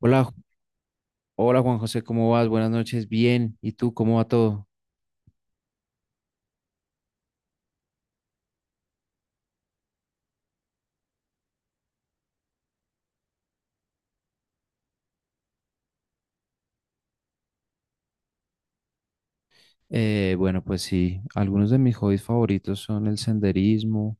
Hola, hola Juan José, ¿cómo vas? Buenas noches, bien. ¿Y tú, cómo va todo? Bueno, pues sí, algunos de mis hobbies favoritos son el senderismo,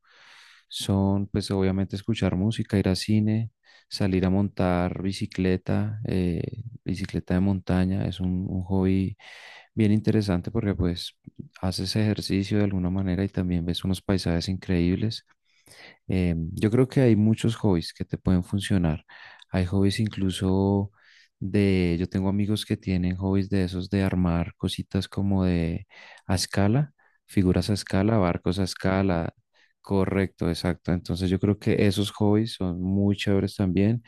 son pues obviamente escuchar música, ir a cine, salir a montar bicicleta, bicicleta de montaña, es un hobby bien interesante porque pues haces ejercicio de alguna manera y también ves unos paisajes increíbles. Yo creo que hay muchos hobbies que te pueden funcionar. Hay hobbies incluso de, yo tengo amigos que tienen hobbies de esos de armar cositas como de a escala, figuras a escala, barcos a escala. Correcto, exacto. Entonces yo creo que esos hobbies son muy chéveres también.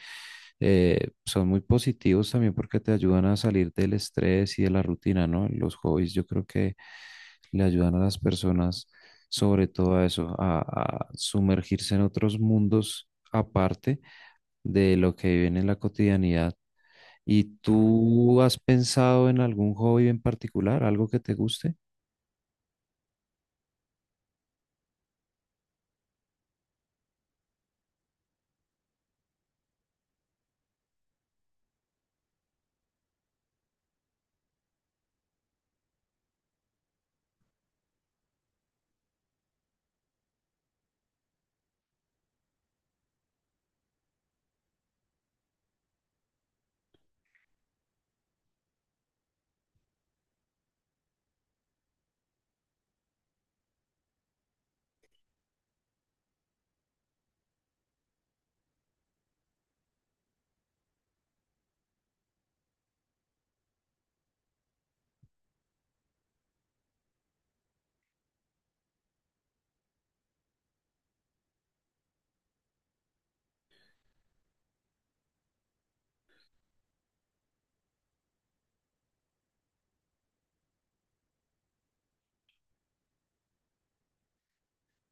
Son muy positivos también porque te ayudan a salir del estrés y de la rutina, ¿no? Los hobbies yo creo que le ayudan a las personas, sobre todo a eso, a sumergirse en otros mundos aparte de lo que viven en la cotidianidad. ¿Y tú has pensado en algún hobby en particular, algo que te guste?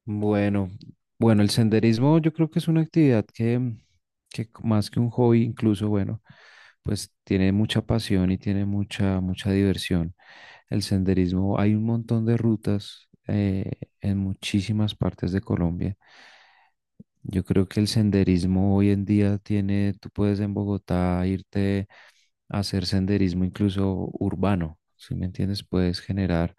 Bueno, bueno, el senderismo yo creo que es una actividad que más que un hobby, incluso, bueno, pues tiene mucha pasión y tiene mucha diversión. El senderismo, hay un montón de rutas en muchísimas partes de Colombia. Yo creo que el senderismo hoy en día tiene, tú puedes en Bogotá irte a hacer senderismo incluso urbano, ¿si me entiendes? Puedes generar,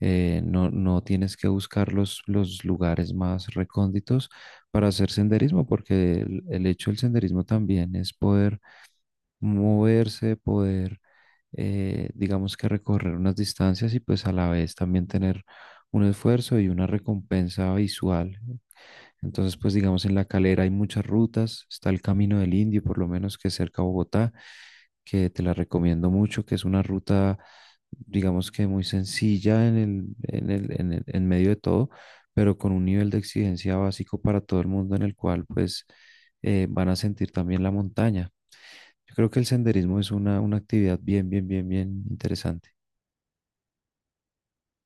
no tienes que buscar los lugares más recónditos para hacer senderismo, porque el hecho del senderismo también es poder moverse, digamos que recorrer unas distancias y pues a la vez también tener un esfuerzo y una recompensa visual. Entonces, pues digamos, en La Calera hay muchas rutas, está el Camino del Indio, por lo menos, que es cerca a Bogotá, que te la recomiendo mucho, que es una ruta digamos que muy sencilla en medio de todo, pero con un nivel de exigencia básico para todo el mundo en el cual pues van a sentir también la montaña. Yo creo que el senderismo es una actividad bien interesante.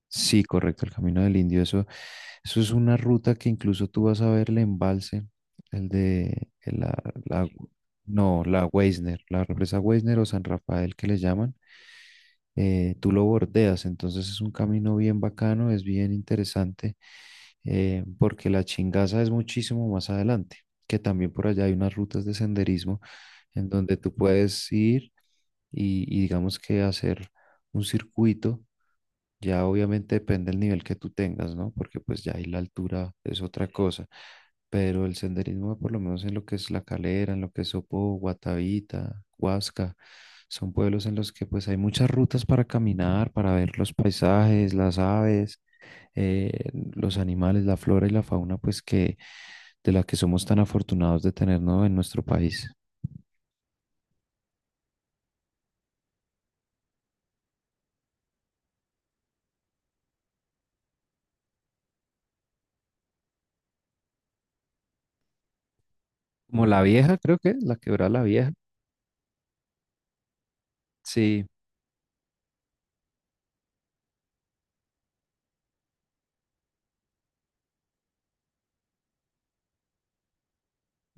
Sí, correcto, el Camino del Indio. Eso es una ruta que incluso tú vas a ver el embalse, el de el la, la- no, la Weisner, la represa Weisner o San Rafael que le llaman. Tú lo bordeas, entonces es un camino bien bacano, es bien interesante, porque la Chingaza es muchísimo más adelante, que también por allá hay unas rutas de senderismo en donde tú puedes ir y digamos que hacer un circuito, ya obviamente depende del nivel que tú tengas, ¿no? Porque pues ya ahí la altura es otra cosa. Pero el senderismo, por lo menos en lo que es La Calera, en lo que es Sopó, Guatavita, Huasca, son pueblos en los que pues hay muchas rutas para caminar, para ver los paisajes, las aves, eh, los animales, la flora y la fauna, pues que de la que somos tan afortunados de tener, ¿no? En nuestro país. Como la vieja, creo que, la Quebrada la Vieja. Sí,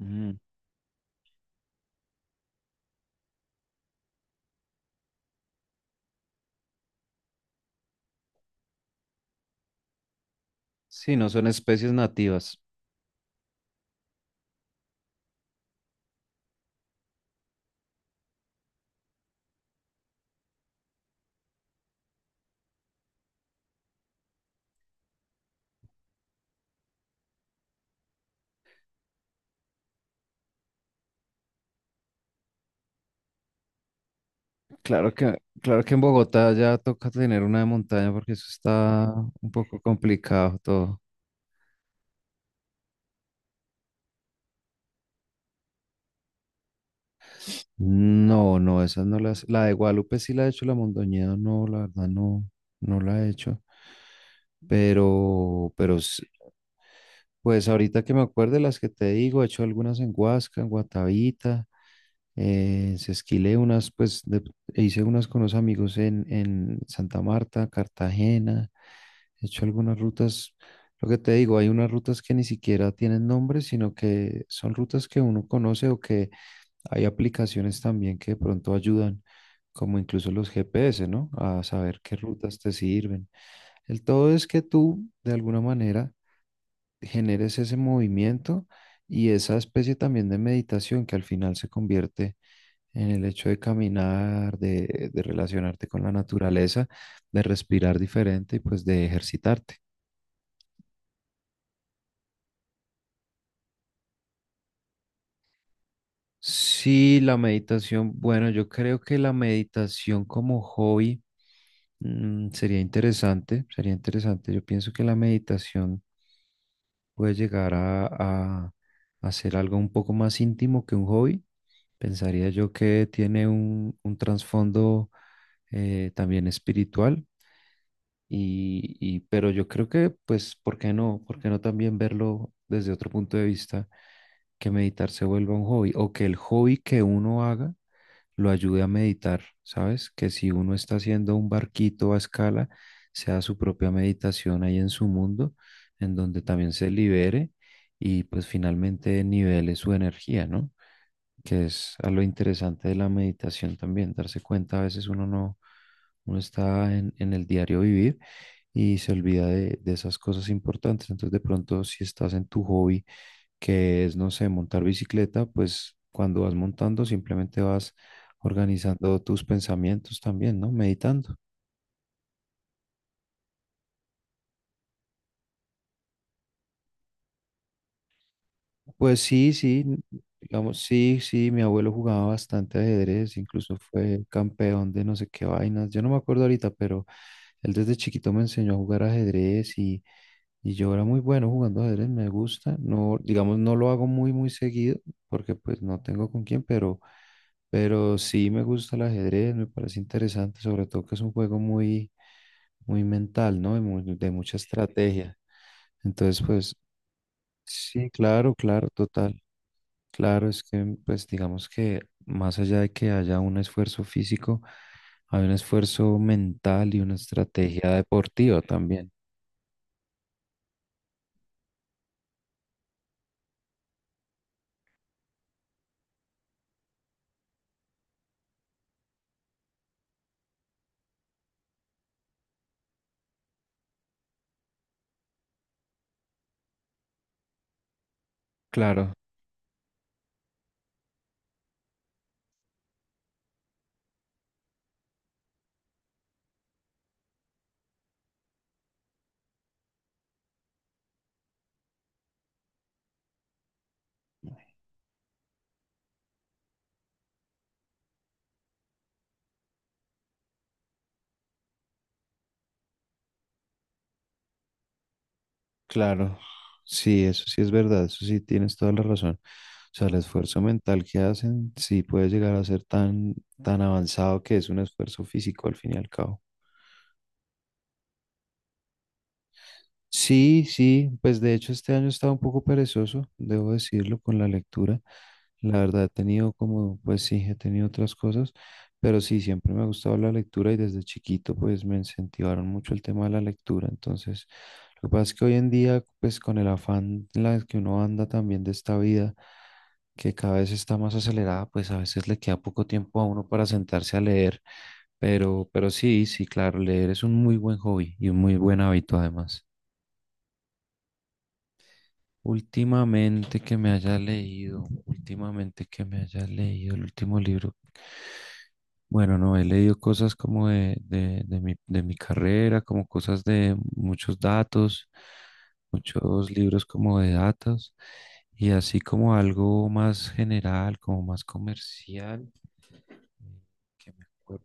ujú. Sí, no son especies nativas. Claro que en Bogotá ya toca tener una de montaña porque eso está un poco complicado todo. No, no, esas no las. La de Guadalupe sí la he hecho, la Mondoñedo no, la verdad no, no la he hecho. Pero, pero s- pues ahorita que me acuerde las que te digo, he hecho algunas en Huasca, en Guatavita, esquilé unas, hice unas con los amigos en Santa Marta, Cartagena. He hecho algunas rutas, lo que te digo, hay unas rutas que ni siquiera tienen nombre, sino que son rutas que uno conoce o que hay aplicaciones también que de pronto ayudan, como incluso los GPS, ¿no? A saber qué rutas te sirven. El todo es que tú, de alguna manera, generes ese movimiento y esa especie también de meditación que al final se convierte en el hecho de caminar, de relacionarte con la naturaleza, de respirar diferente y pues de ejercitarte. Sí, la meditación. Bueno, yo creo que la meditación como hobby sería interesante, sería interesante. Yo pienso que la meditación puede llegar a ser algo un poco más íntimo que un hobby. Pensaría yo que tiene un trasfondo también espiritual. Pero yo creo que, pues, ¿por qué no? ¿Por qué no también verlo desde otro punto de vista? Que meditar se vuelva un hobby o que el hobby que uno haga lo ayude a meditar, ¿sabes? Que si uno está haciendo un barquito a escala, sea su propia meditación ahí en su mundo, en donde también se libere y pues finalmente nivele su energía, ¿no? Que es a lo interesante de la meditación también, darse cuenta, a veces uno no, uno está en el diario vivir y se olvida de esas cosas importantes. Entonces, de pronto, si estás en tu hobby, que es, no sé, montar bicicleta, pues cuando vas montando simplemente vas organizando tus pensamientos también, ¿no? Meditando. Pues sí, digamos, sí, mi abuelo jugaba bastante ajedrez, incluso fue campeón de no sé qué vainas, yo no me acuerdo ahorita, pero él desde chiquito me enseñó a jugar ajedrez y yo era muy bueno jugando ajedrez, me gusta, no, digamos, no lo hago muy seguido, porque pues no tengo con quién, pero sí me gusta el ajedrez, me parece interesante, sobre todo que es un juego muy mental, ¿no? De mucha estrategia, entonces pues... Sí, claro, claro, total. Claro, es que pues digamos que más allá de que haya un esfuerzo físico, hay un esfuerzo mental y una estrategia deportiva también. Claro, claro. Sí, eso sí es verdad, eso sí tienes toda la razón. O sea, el esfuerzo mental que hacen sí puede llegar a ser tan, tan avanzado que es un esfuerzo físico al fin y al cabo. Sí, sí, pues de hecho este año estaba un poco perezoso, debo decirlo, con la lectura. La verdad he tenido como, pues sí, he tenido otras cosas, pero sí, siempre me ha gustado la lectura y desde chiquito pues me incentivaron mucho el tema de la lectura. Entonces, lo que pasa es que hoy en día, pues con el afán en la que uno anda también de esta vida, que cada vez está más acelerada, pues a veces le queda poco tiempo a uno para sentarse a leer, pero sí, sí, claro, leer es un muy buen hobby y un muy buen hábito además. Últimamente que me haya leído, últimamente que me haya leído el último libro. Bueno, no, he leído cosas como de mi carrera, como cosas de muchos datos, muchos libros como de datos, y así como algo más general, como más comercial, que me acuerdo,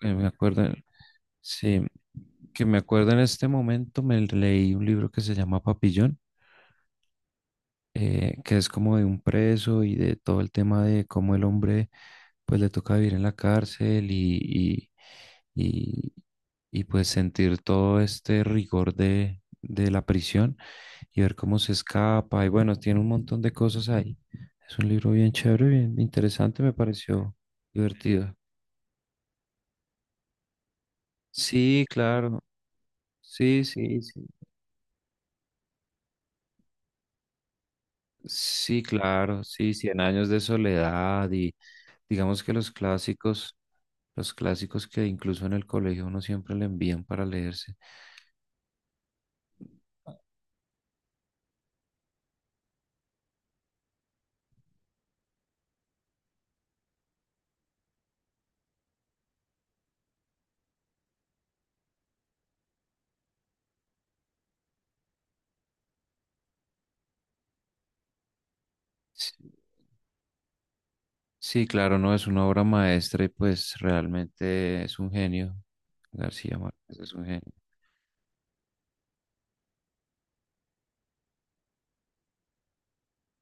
que me acuerdo, sí, que me acuerdo en este momento, me leí un libro que se llama Papillón. Que es como de un preso y de todo el tema de cómo el hombre pues le toca vivir en la cárcel y, y, pues sentir todo este rigor de la prisión y ver cómo se escapa y bueno, tiene un montón de cosas ahí. Es un libro bien chévere, bien interesante, me pareció divertido. Sí, claro, sí, sí, sí, sí, claro, sí, Cien años de soledad y... Digamos que los clásicos que incluso en el colegio uno siempre le envían para leerse. Sí, sí, claro, no es una obra maestra y pues realmente es un genio. García Márquez es un genio.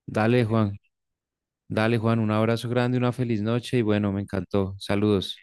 Dale, Juan, dale, Juan, un abrazo grande, una feliz noche y bueno, me encantó. Saludos.